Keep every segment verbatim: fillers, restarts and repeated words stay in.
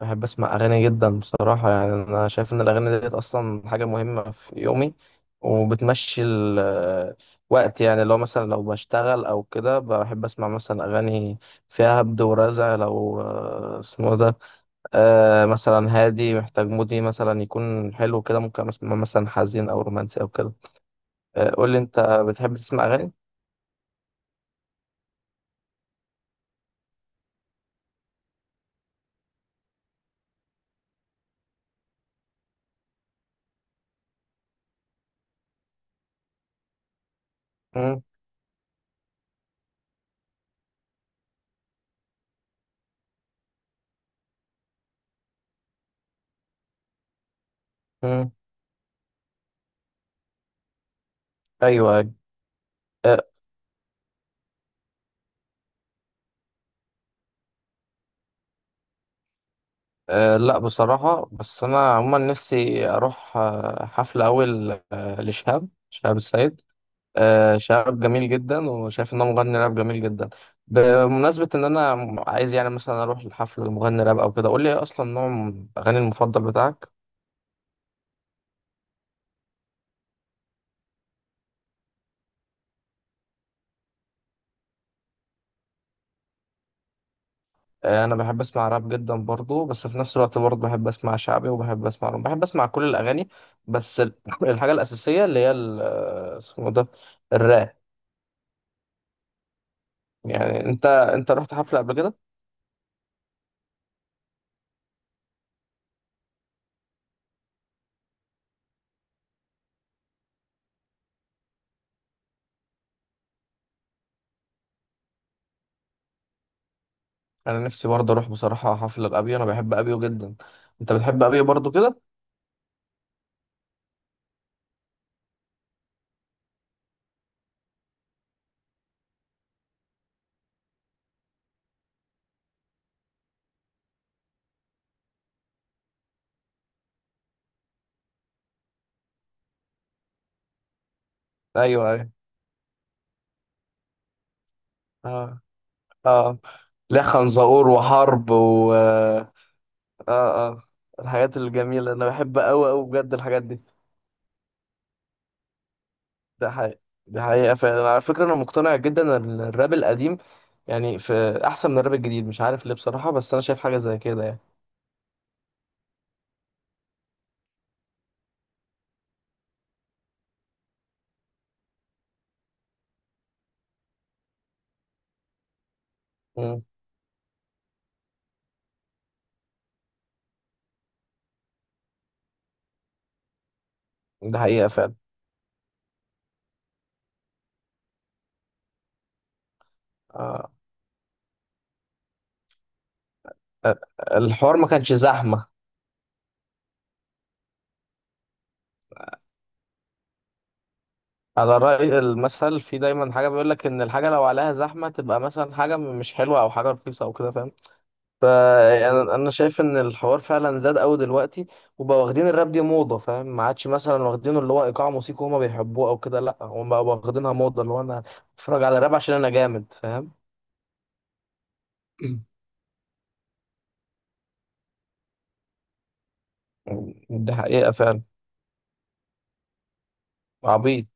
بحب اسمع اغاني جدا بصراحه، يعني انا شايف ان الاغاني ديت اصلا حاجه مهمه في يومي، وبتمشي الوقت. يعني لو مثلا، لو بشتغل او كده، بحب اسمع مثلا اغاني فيها هبد ورزع، لو آه، اسمه ده. آه، مثلا هادي، محتاج مودي مثلا يكون حلو كده، ممكن اسمع مثلا حزين او رومانسي او كده. آه، قول لي انت، بتحب تسمع اغاني؟ مم، مم. ايوه. أيوة. أه، لا بصراحة، بس أنا عموما نفسي أروح آه، حفلة، أول آه، لشهاب، شهاب السيد. أه، شهاب جميل جدا، وشايف إن هو مغني راب جميل جدا. بمناسبة إن أنا عايز يعني مثلا أروح لحفل مغني راب أو كده، قول لي إيه أصلا نوع الأغاني المفضل بتاعك؟ أه، أنا بحب أسمع راب جدا برضو، بس في نفس الوقت برضو بحب أسمع شعبي، وبحب أسمع روم، بحب أسمع كل الأغاني. بس ال- الحاجة الأساسية اللي هي ال- آه، اسمه ده، الراب. يعني أنت أنت رحت حفلة قبل كده؟ انا نفسي برضه اروح بصراحه حفله لابيو، انا بحب ابيو جدا. انت بتحب ابيو برضه كده؟ ايوه، ايوه. اه، اه. لا، خنزقور وحرب، و اه اه اه. الحاجات الجميله انا بحب قوي قوي بجد الحاجات دي. ده حقيقة. ده حقيقه فعلا، على فكره انا مقتنع جدا ان الراب القديم يعني في احسن من الراب الجديد، مش عارف ليه بصراحه، بس انا شايف حاجه زي كده يعني. مم. ده حقيقه فعلا. آه. آه، الحوار ما كانش زحمه. على رأي المثل، في دايما حاجة بيقول لك إن الحاجة لو عليها زحمة تبقى مثلا حاجة م- مش حلوة، أو حاجة رخيصة أو كده، فاهم؟ فأنا أنا شايف إن الحوار فعلا زاد أوي دلوقتي، وبقوا واخدين الراب دي موضة، فاهم؟ ما عادش مثلا واخدينه اللي هو إيقاع موسيقي هما بيحبوه أو كده، لأ، هما بقوا واخدينها موضة، اللي هو أنا أتفرج على راب عشان أنا جامد، فاهم؟ دي حقيقة فعلا. عبيط.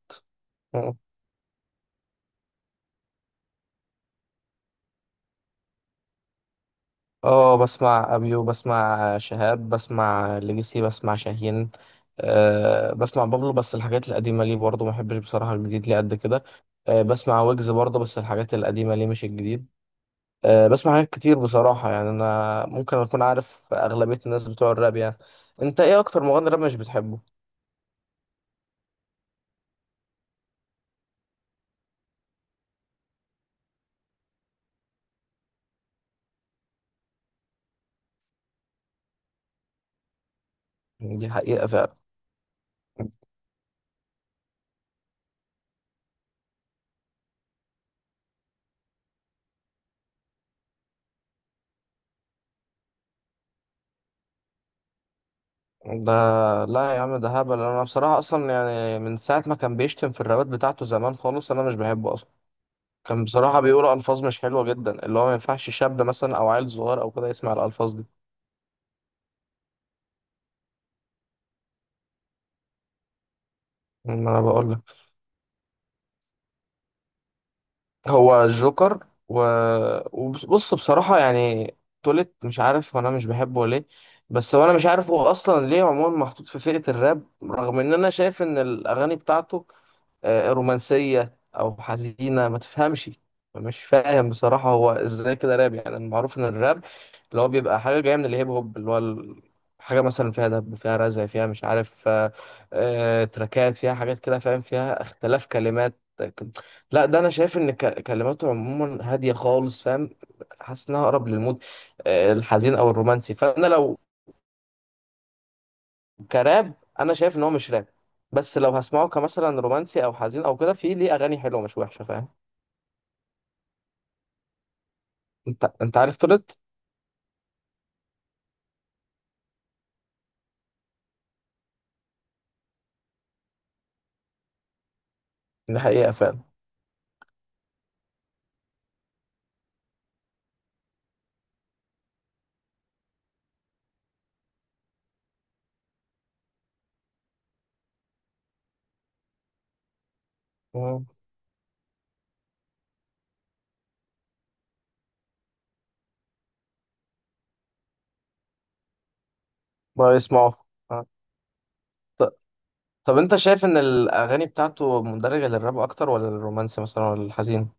اه، بسمع أبيو، بسمع شهاب، بسمع ليجاسي، بسمع شاهين. أه، بسمع بابلو، بس الحاجات القديمة ليه برضه، ما بحبش بصراحة الجديد ليه قد كده. أه، بسمع ويجز برضه، بس الحاجات القديمة ليه مش الجديد. أه، بسمع حاجات كتير بصراحة، يعني أنا ممكن أكون عارف أغلبية الناس بتوع الراب يعني. أنت إيه أكتر مغني راب مش بتحبه؟ دي حقيقة فعلا. ده لا يا عم، ده هبل. أنا بصراحة أصلا يعني من ساعة ما كان بيشتم في الرابات بتاعته زمان خالص، أنا مش بحبه أصلا. كان بصراحة بيقول ألفاظ مش حلوة جدا، اللي هو ما ينفعش شاب مثلا أو عيل صغير أو كده يسمع الألفاظ دي. ما أنا بقول. هو الجوكر، و... وبص، بصراحة يعني، تولت مش عارف، وانا مش بحبه ليه. بس هو انا مش عارف هو اصلا ليه عموما محطوط في فئة الراب، رغم ان انا شايف ان الاغاني بتاعته آه، رومانسية أو حزينة، ما تفهمش. مش فاهم بصراحة هو إزاي كده راب، يعني المعروف إن الراب اللي هو بيبقى حاجة جاية من الهيب هوب، اللي هو ال- حاجة مثلا فيها دب، فيها رزع، فيها مش عارف، آه، آه، تراكات فيها حاجات كده، فاهم؟ فيها اختلاف كلمات. لا، ده أنا شايف إن ك- كلماته عموما هادية خالص، فاهم؟ حاسس إنها أقرب للمود آه، الحزين أو الرومانسي. فأنا لو كراب، انا شايف ان هو مش راب. بس لو هسمعه كمثلا رومانسي او حزين او كده، في ليه اغاني حلوه مش وحشه، فاهم؟ انت انت عارف تولت. دي حقيقه فعلا. مم. ما يسمعه. آه. ط- طب انت شايف ان الاغاني بتاعته مندرجه للراب اكتر، ولا للرومانسي مثلا، ولا الحزين؟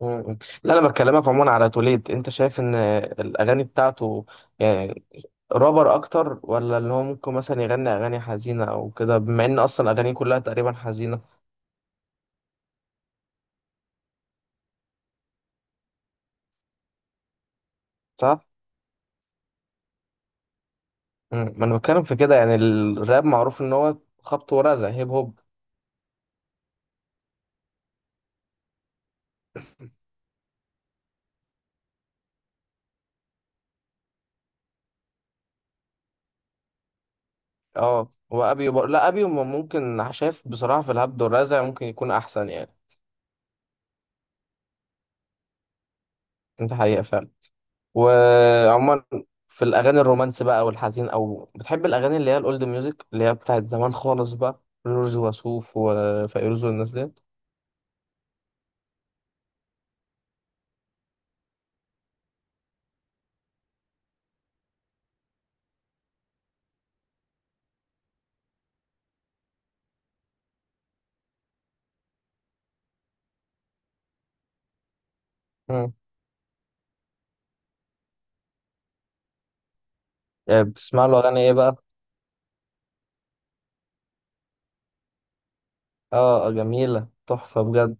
مم. لا، انا بكلمك عموما على توليد، انت شايف ان الاغاني بتاعته يعني رابر اكتر، ولا اللي هو ممكن مثلا يغني اغاني حزينه او كده، بما ان اصلا اغانيه كلها تقريبا حزينه؟ صح. مم. ما انا بتكلم في كده، يعني الراب معروف ان هو خبط ورزع، هيب هوب. اه، وابيو بر... لا، ابيو م- ممكن، شايف بصراحه في الهبد والرزع ممكن يكون احسن يعني. انت حقيقه فعلا. وعموما في الاغاني الرومانس بقى والحزين، او بتحب الاغاني اللي هي الاولد ميوزك اللي هي بتاعت زمان خالص، بقى جورج وسوف وفيروز والناس ديت؟ مم. يعني بتسمع له اغاني ايه بقى؟ اه، جميله تحفه بجد.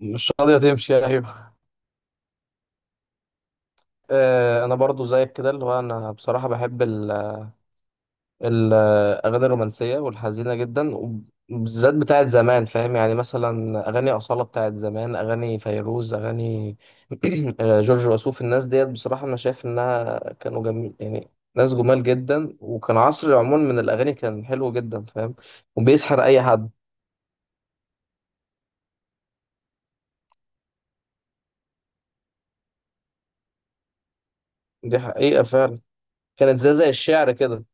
مش راضيه تمشي، ايوه. آه، انا برضو زيك كده، اللي هو انا بصراحه بحب الأغاني الرومانسية والحزينة جدا، وبالذات بتاعت زمان، فاهم؟ يعني مثلا أغاني أصالة بتاعت زمان، أغاني فيروز، أغاني جورج وسوف. الناس ديت بصراحة أنا شايف إنها كانوا جميل يعني، ناس جمال جدا، وكان عصر عموما من الأغاني كان حلو جدا، فاهم؟ وبيسحر أي حد. دي حقيقة فعلا. كانت زي زي الشعر كده.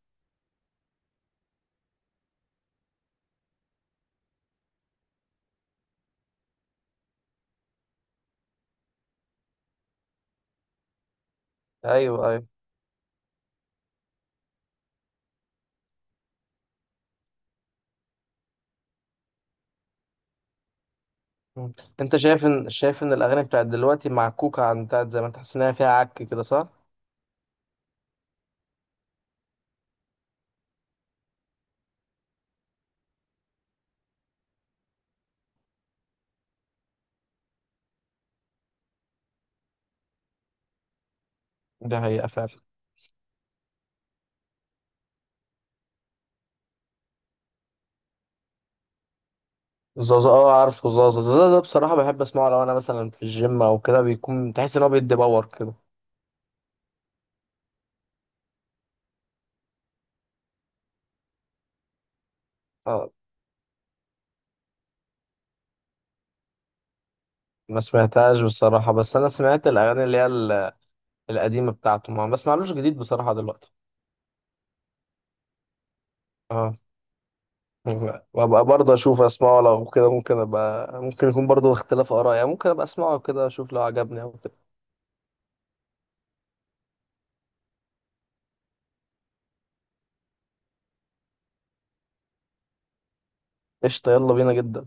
أيوه، أيوه. مم. أنت شايف إن شايف إن الأغاني بتاعت دلوقتي معكوكة عن بتاعت زمان، تحس إنها فيها عك كده، صح؟ دي حقيقة فعلا. زازا، اه عارفه زازا زازا ده بصراحة بحب اسمعه لو انا مثلا في الجيم او كده، بيكون تحس ان هو بيدي باور كده. اه، ما سمعتهاش بصراحة، بس انا سمعت الاغاني اللي هي ال- القديمة بتاعته، ما بسمعلوش جديد بصراحة دلوقتي. اه، وابقى برضه اشوف، اسمعه لو كده ممكن ابقى، ممكن يكون برضه اختلاف اراء، يعني ممكن ابقى اسمعه كده اشوف لو عجبني او كده. قشطة، يلا بينا جدا.